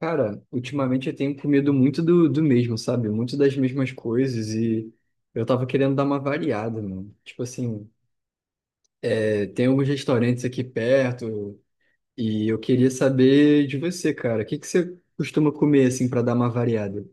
Cara, ultimamente eu tenho comido muito do mesmo, sabe? Muito das mesmas coisas e eu tava querendo dar uma variada, mano. Tipo assim, tem alguns restaurantes aqui perto e eu queria saber de você, cara. O que que você costuma comer, assim, pra dar uma variada?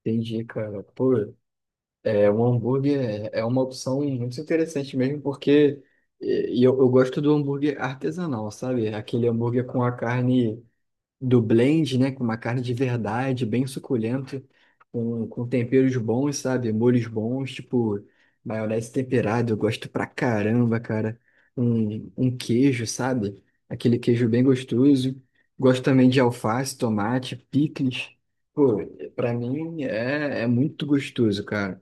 Entendi, cara. Pô, é, um hambúrguer é uma opção muito interessante mesmo porque eu gosto do hambúrguer artesanal, sabe? Aquele hambúrguer com a carne do blend, né? Com uma carne de verdade, bem suculenta, com temperos bons, sabe? Molhos bons, tipo maionese temperada, eu gosto pra caramba, cara. Um queijo, sabe? Aquele queijo bem gostoso. Gosto também de alface, tomate, picles. Pô, pra mim é muito gostoso, cara.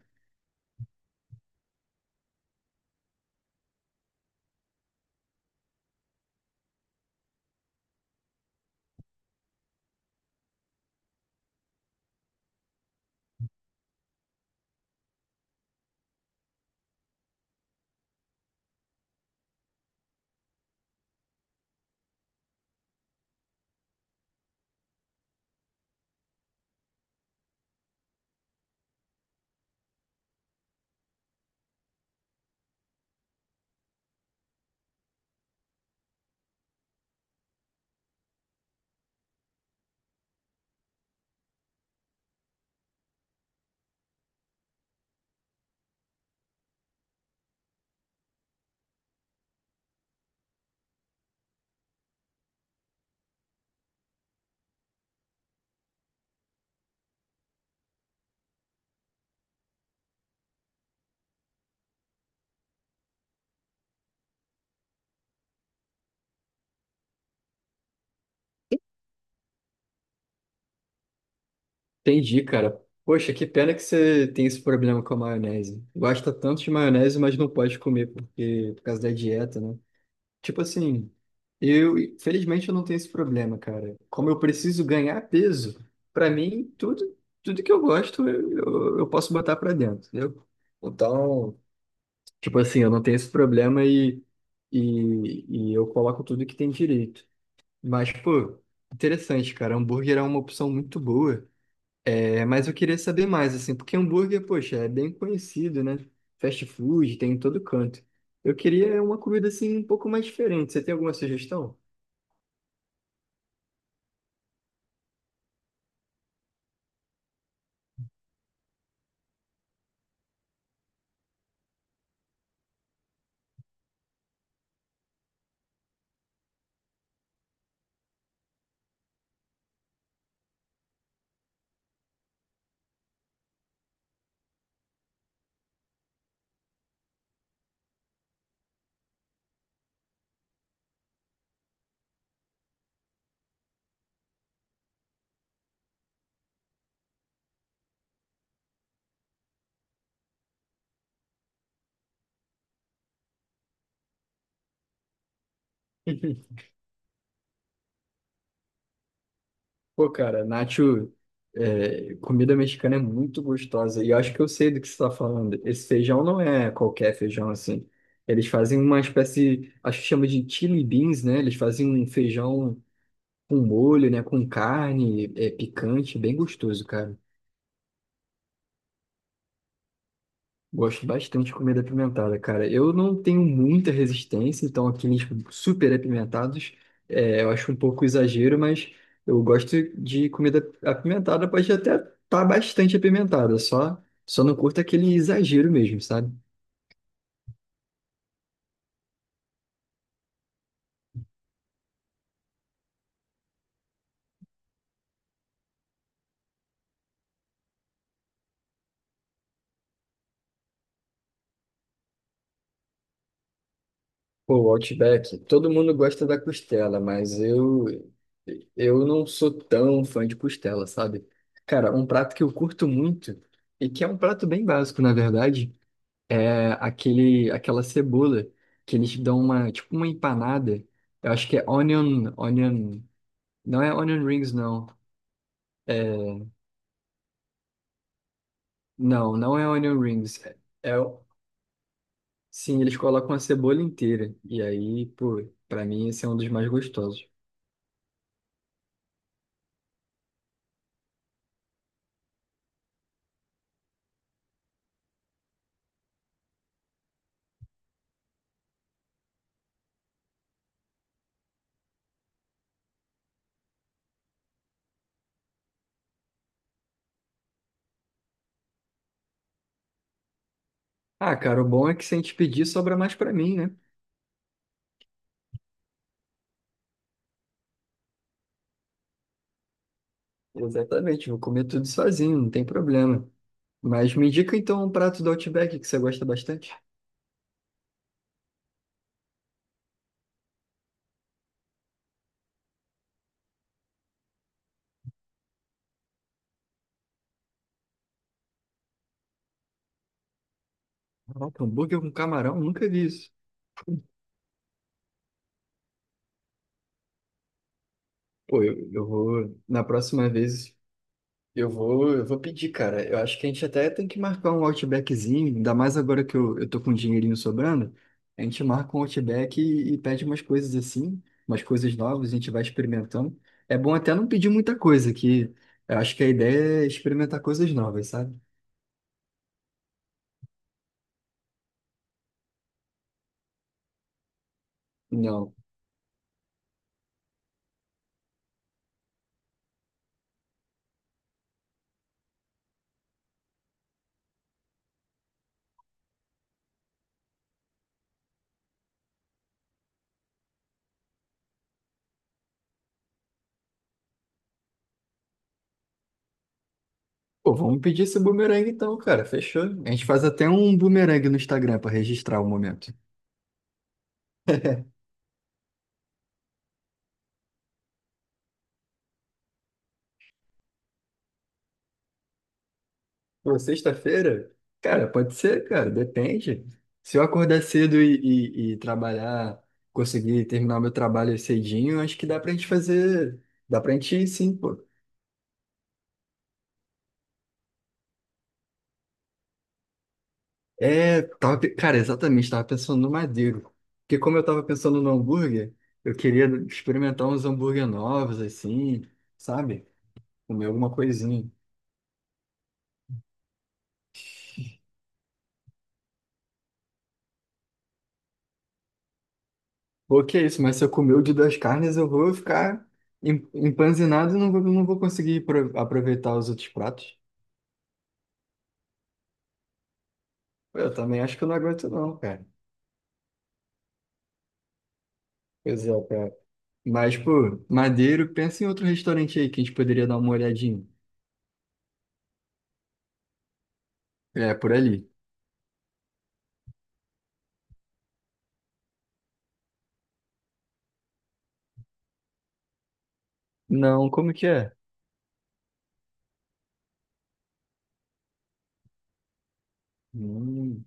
Entendi, cara. Poxa, que pena que você tem esse problema com a maionese. Gosta tanto de maionese, mas não pode comer porque, por causa da dieta, né? Tipo assim, eu, felizmente eu não tenho esse problema, cara. Como eu preciso ganhar peso, pra mim, tudo que eu gosto, eu posso botar pra dentro, entendeu? Então, tipo assim, eu não tenho esse problema e eu coloco tudo que tem direito. Mas, pô, interessante, cara. Hambúrguer é uma opção muito boa. É, mas eu queria saber mais, assim, porque hambúrguer, poxa, é bem conhecido, né? Fast food, tem em todo canto. Eu queria uma comida, assim, um pouco mais diferente. Você tem alguma sugestão? Pô, cara, Nacho, é, comida mexicana é muito gostosa. E eu acho que eu sei do que você está falando. Esse feijão não é qualquer feijão assim. Eles fazem uma espécie, acho que chama de chili beans, né? Eles fazem um feijão com molho, né? Com carne, é, picante, bem gostoso, cara. Gosto bastante de comida apimentada, cara. Eu não tenho muita resistência, então aqueles tipo, super apimentados, é, eu acho um pouco exagero, mas eu gosto de comida apimentada, pode até estar bastante apimentada, só não curto aquele exagero mesmo, sabe? Pô, o Outback, todo mundo gosta da costela, mas eu não sou tão fã de costela, sabe? Cara, um prato que eu curto muito e que é um prato bem básico, na verdade, é aquela cebola que eles dão uma, tipo uma empanada. Eu acho que é onion, não é onion rings, não. É, não, não é onion rings. É o- sim, eles colocam a cebola inteira. E aí, pô, pra mim esse é um dos mais gostosos. Ah, cara, o bom é que se a gente pedir, sobra mais pra mim, né? Exatamente, vou comer tudo sozinho, não tem problema. Mas me indica então um prato do Outback que você gosta bastante. Caraca, hambúrguer com camarão, nunca vi isso. Pô, eu vou, na próxima vez, eu vou pedir, cara. Eu acho que a gente até tem que marcar um Outbackzinho, ainda mais agora que eu tô com um dinheirinho sobrando. A gente marca um Outback e pede umas coisas assim, umas coisas novas, a gente vai experimentando. É bom até não pedir muita coisa, que eu acho que a ideia é experimentar coisas novas, sabe? Não. Pô, vamos pedir esse bumerangue então, cara. Fechou. A gente faz até um bumerangue no Instagram pra registrar o momento. Pô, sexta-feira? Cara, pode ser, cara, depende. Se eu acordar cedo e trabalhar, conseguir terminar meu trabalho cedinho, acho que dá pra gente fazer. Dá pra gente ir, sim, pô. É, cara, exatamente, tava pensando no Madeiro. Porque como eu tava pensando no hambúrguer, eu queria experimentar uns hambúrguer novos, assim, sabe? Comer alguma coisinha. Pô, que é isso, mas se eu comer o de duas carnes, eu vou ficar empanzinado e não vou conseguir aproveitar os outros pratos. Eu também acho que eu não aguento não, cara. Pois é, cara. Mas, pô, Madeiro, pensa em outro restaurante aí que a gente poderia dar uma olhadinha. É, por ali. Não, como que é? Hum,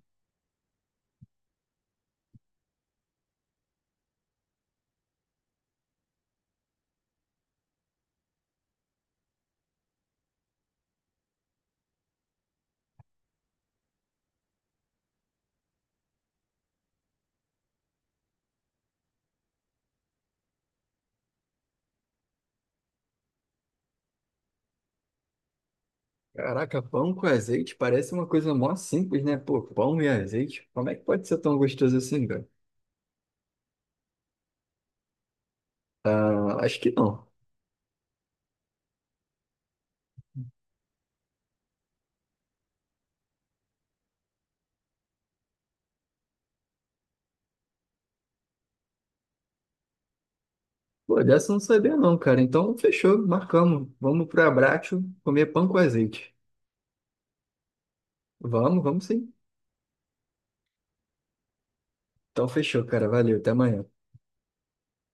caraca, pão com azeite parece uma coisa mó simples, né? Pô, pão e azeite. Como é que pode ser tão gostoso assim, cara? Ah, acho que não. Pô, dessa eu não sabia não, cara. Então, fechou, marcamos. Vamos pro Abrácio comer pão com azeite. Vamos, vamos sim. Então, fechou, cara. Valeu, até amanhã.